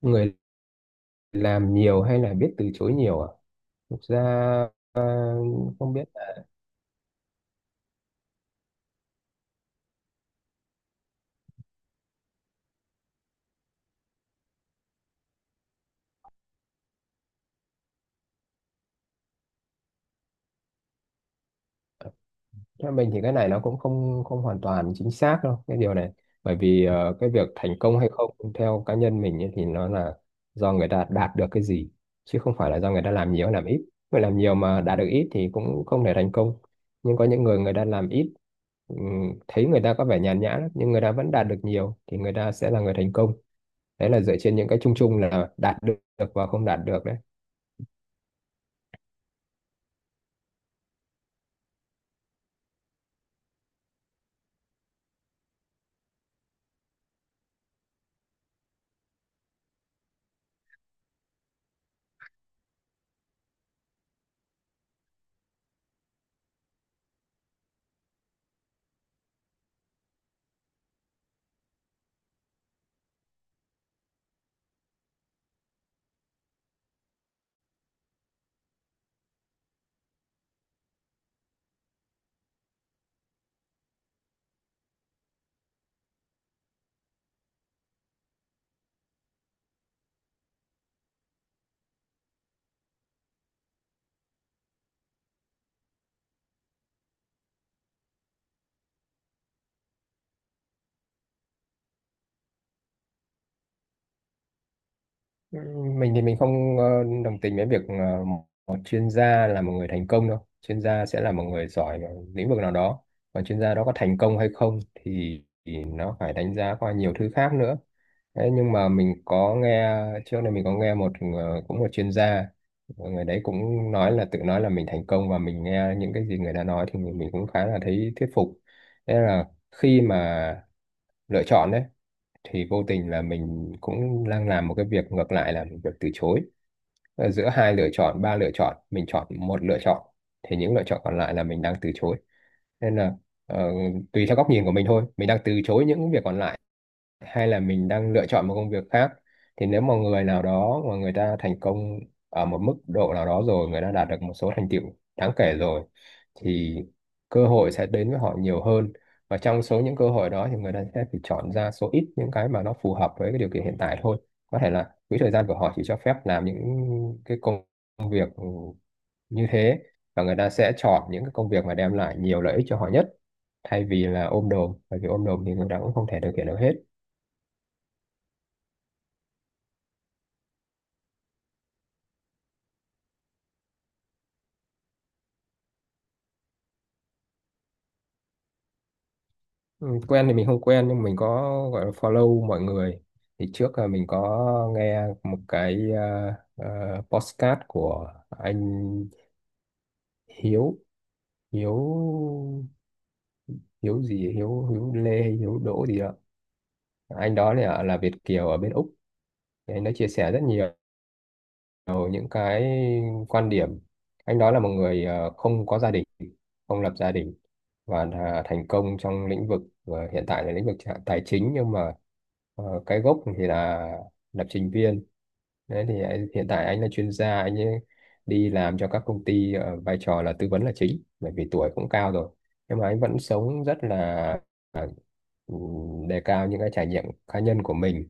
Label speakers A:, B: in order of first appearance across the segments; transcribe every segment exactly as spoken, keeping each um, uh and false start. A: Người làm nhiều hay là biết từ chối nhiều à? Thực ra à, không biết. Theo mình thì cái này nó cũng không không hoàn toàn chính xác đâu cái điều này. Bởi vì ờ, cái việc thành công hay không theo cá nhân mình ấy, thì nó là do người ta đạt được cái gì, chứ không phải là do người ta làm nhiều hay làm ít. Người làm nhiều mà đạt được ít thì cũng không thể thành công, nhưng có những người người ta làm ít, ừm, thấy người ta có vẻ nhàn nhã lắm, nhưng người ta vẫn đạt được nhiều thì người ta sẽ là người thành công. Đấy là dựa trên những cái chung chung là đạt được và không đạt được đấy. Ừ, mình thì mình không ờ, đồng tình với việc ờ, một một chuyên gia là một người thành công đâu. Chuyên gia sẽ là một người giỏi ở lĩnh vực nào đó, còn chuyên gia đó có thành công hay không thì, thì nó phải đánh giá qua nhiều thứ khác nữa. Thế nhưng mà mình có nghe, trước đây mình có nghe một ờ, cũng một chuyên gia, ờ, người đấy cũng nói là tự nói là mình thành công, và mình nghe những cái gì người ta nói thì mình, mình cũng khá là thấy thuyết phục. Thế là khi mà lựa chọn đấy, thì vô tình là mình cũng đang làm một cái việc ngược lại là việc từ chối. Ờ, giữa hai lựa chọn, ba lựa chọn mình chọn một lựa chọn, thì những lựa chọn còn lại là mình đang từ chối. Nên là ờ, tùy theo góc nhìn của mình thôi, mình đang từ chối những việc còn lại hay là mình đang lựa chọn một công việc khác. Thì nếu mà người nào đó mà người ta thành công ở một mức độ nào đó rồi, người ta đạt được một số thành tựu đáng kể rồi, thì cơ hội sẽ đến với họ nhiều hơn, và trong số những cơ hội đó thì người ta sẽ phải chọn ra số ít những cái mà nó phù hợp với cái điều kiện hiện tại thôi. Có thể là quỹ thời gian của họ chỉ cho phép làm những cái công việc như thế, và người ta sẽ chọn những cái công việc mà đem lại nhiều lợi ích cho họ nhất, thay vì là ôm đồm, bởi vì ôm đồm thì người ta cũng không thể thực hiện được hết. Ừ, quen thì mình không quen, nhưng mình có gọi là follow mọi người. Thì trước là mình có nghe một cái ờ, ờ, podcast của anh Hiếu. Hiếu Hiếu gì ấy? Hiếu Hiếu Lê hay Hiếu Đỗ gì đó. Anh đó là là Việt kiều ở bên Úc. Thì anh đã chia sẻ rất nhiều những cái quan điểm. Anh đó là một người ờ, không có gia đình, không lập gia đình, và là thành công trong lĩnh vực ờ, hiện tại là lĩnh vực tài chính, nhưng mà ờ, cái gốc thì là lập trình viên. Đấy thì anh- hiện tại anh là chuyên gia, anh ấy đi làm cho các công ty ở vai trò là tư vấn là chính, bởi vì tuổi cũng cao rồi. Nhưng mà anh vẫn sống rất là à, ừ, đề cao những cái trải nghiệm cá nhân của mình.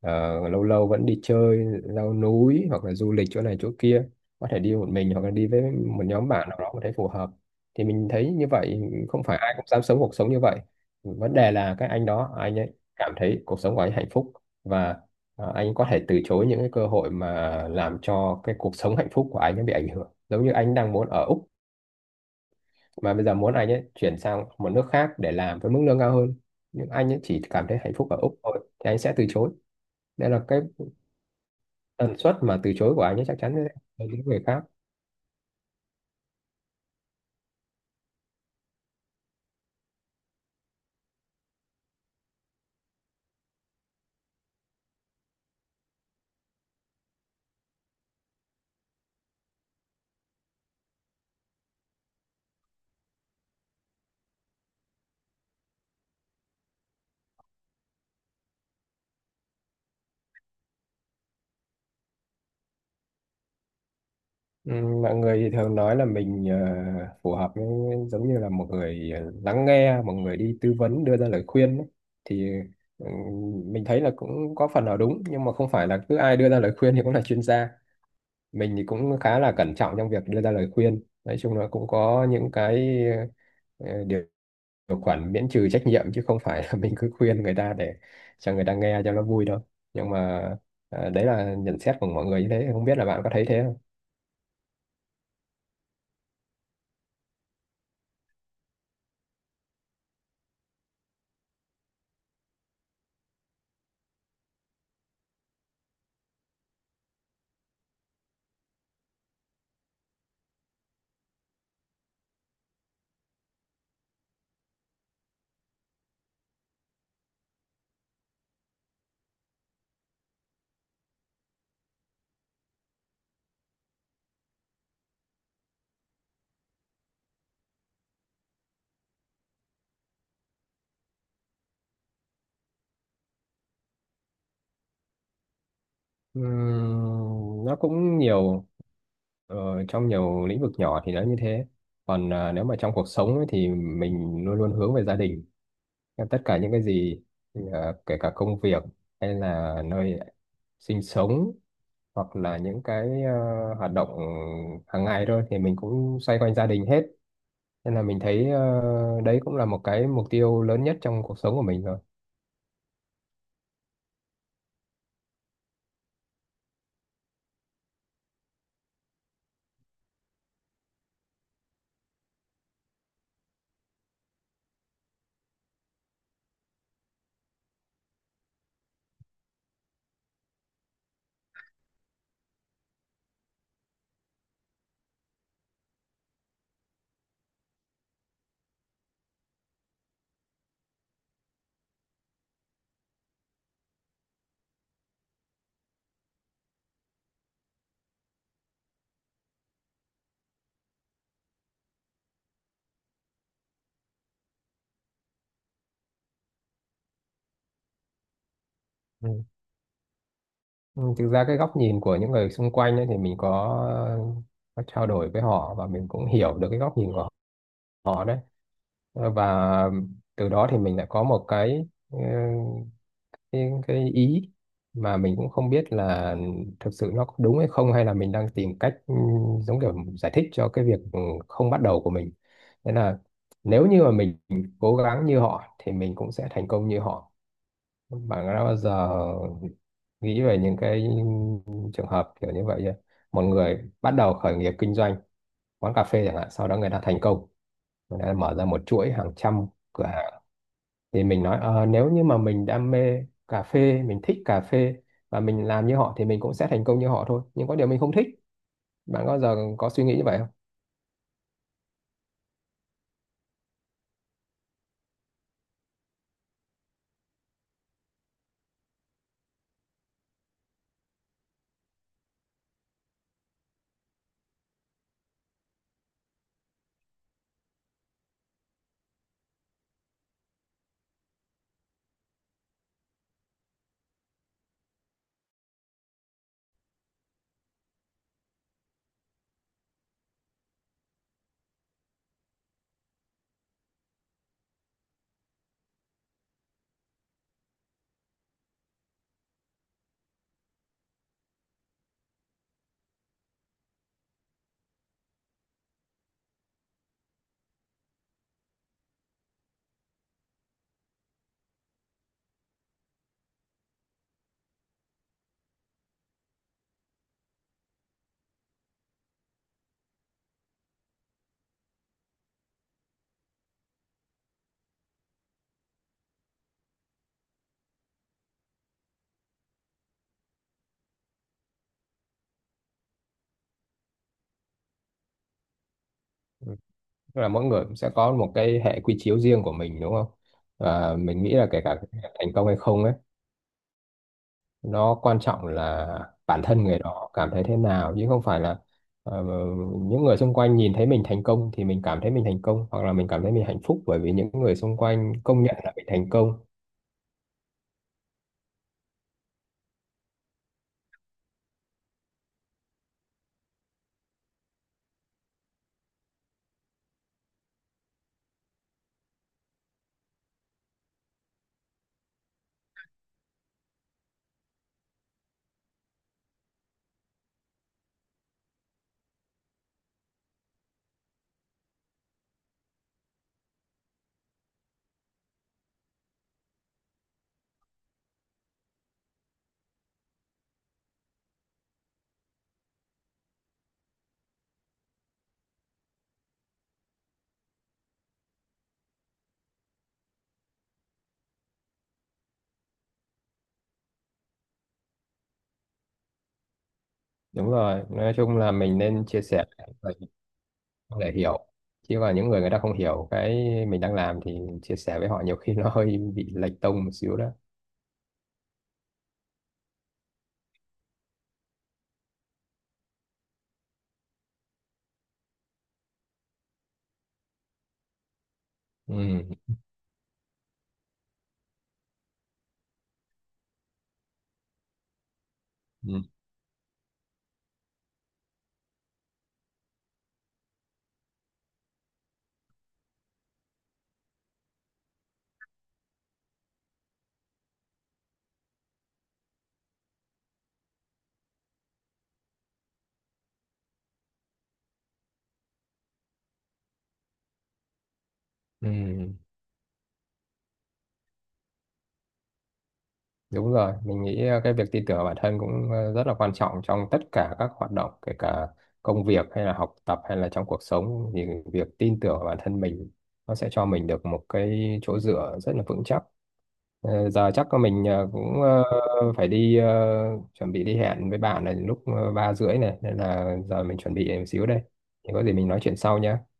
A: Ờ, lâu lâu vẫn đi chơi, leo núi hoặc là du lịch chỗ này chỗ kia. Có thể đi một mình hoặc là đi với một nhóm bạn nào đó mà thấy phù hợp. Thì mình thấy như vậy, không phải ai cũng dám sống cuộc sống như vậy. Vấn đề là cái anh đó, anh ấy cảm thấy cuộc sống của anh hạnh phúc, và à, anh có thể từ chối những cái cơ hội mà làm cho cái cuộc sống hạnh phúc của anh nó bị ảnh hưởng. Giống như anh đang muốn ở Úc mà bây giờ muốn anh ấy chuyển sang một nước khác để làm với mức lương cao hơn, nhưng anh ấy chỉ cảm thấy hạnh phúc ở Úc thôi thì anh sẽ từ chối. Nên là cái tần suất mà từ chối của anh ấy chắc chắn sẽ hơn những người khác. Ừ, mọi người thì thường nói là mình ờ, phù hợp với, giống như là một người ờ, lắng nghe, một người đi tư vấn đưa ra lời khuyên ấy. Thì ừ, mình thấy là cũng có phần nào đúng, nhưng mà không phải là cứ ai đưa ra lời khuyên thì cũng là chuyên gia. Mình thì cũng khá là cẩn trọng trong việc đưa ra lời khuyên. Nói chung là cũng có những cái ờ, điều điều khoản miễn trừ trách nhiệm, chứ không phải là mình cứ khuyên người ta để cho người ta nghe cho nó vui đâu. Nhưng mà ờ, đấy là nhận xét của mọi người như thế. Không biết là bạn có thấy thế. Ừm, nó cũng nhiều ờ, trong nhiều lĩnh vực nhỏ thì nó như thế, còn à, nếu mà trong cuộc sống ấy, thì mình luôn luôn hướng về gia đình. Em tất cả những cái gì, ờ, kể cả công việc hay là nơi sinh sống, hoặc là những cái ờ, hoạt động hàng ngày thôi, thì mình cũng xoay quanh gia đình hết. Nên là mình thấy ờ, đấy cũng là một cái mục tiêu lớn nhất trong cuộc sống của mình. Rồi. Ừ, thực ra cái góc nhìn của những người xung quanh ấy, thì mình có, có trao đổi với họ, và mình cũng hiểu được cái góc nhìn của họ đấy. Ờ, và từ đó thì mình lại có một cái ừ, cái, cái ý mà mình cũng không biết là thực sự nó có đúng hay không, hay là mình đang tìm cách ừ, giống kiểu giải thích cho cái việc ừ, không bắt đầu của mình. Nên là nếu như mà mình cố gắng như họ thì mình cũng sẽ thành công như họ. Và nó bao giờ nghĩ về những cái trường hợp kiểu như vậy nhá. Một người bắt đầu khởi nghiệp kinh doanh quán cà phê chẳng hạn, sau đó người ta thành công, người ta mở ra một chuỗi hàng trăm cửa hàng, thì mình nói "Ờ, nếu như mà mình đam mê cà phê, mình thích cà phê và mình làm như họ thì mình cũng sẽ thành công như họ thôi, nhưng có điều mình không thích." Bạn có giờ có suy nghĩ như vậy không? Tức là mỗi người cũng sẽ có một cái hệ quy chiếu riêng của mình đúng không? Và mình nghĩ là kể cả thành công hay không ấy, nó quan trọng là bản thân người đó cảm thấy thế nào, chứ không phải là ờ, những người xung quanh nhìn thấy mình thành công thì mình cảm thấy mình thành công, hoặc là mình cảm thấy mình hạnh phúc bởi vì những người xung quanh công nhận là mình thành công. Đúng rồi, nói chung là mình nên chia sẻ để để hiểu, chứ còn những người người ta không hiểu cái mình đang làm thì chia sẻ với họ nhiều khi nó hơi bị lệch tông một xíu đó. Ừ. Ừ. Ừ. Đúng rồi, mình nghĩ ờ, cái việc tin tưởng vào bản thân cũng ờ, rất là quan trọng trong tất cả các hoạt động, kể cả công việc hay là học tập hay là trong cuộc sống, thì việc tin tưởng vào bản thân mình nó sẽ cho mình được một cái chỗ dựa rất là vững chắc. Ờ, giờ chắc là mình ờ, cũng ờ, phải đi ờ, chuẩn bị đi hẹn với bạn này lúc ờ, ba rưỡi này, nên là giờ mình chuẩn bị một xíu đây. Thì có gì mình nói chuyện sau nhé.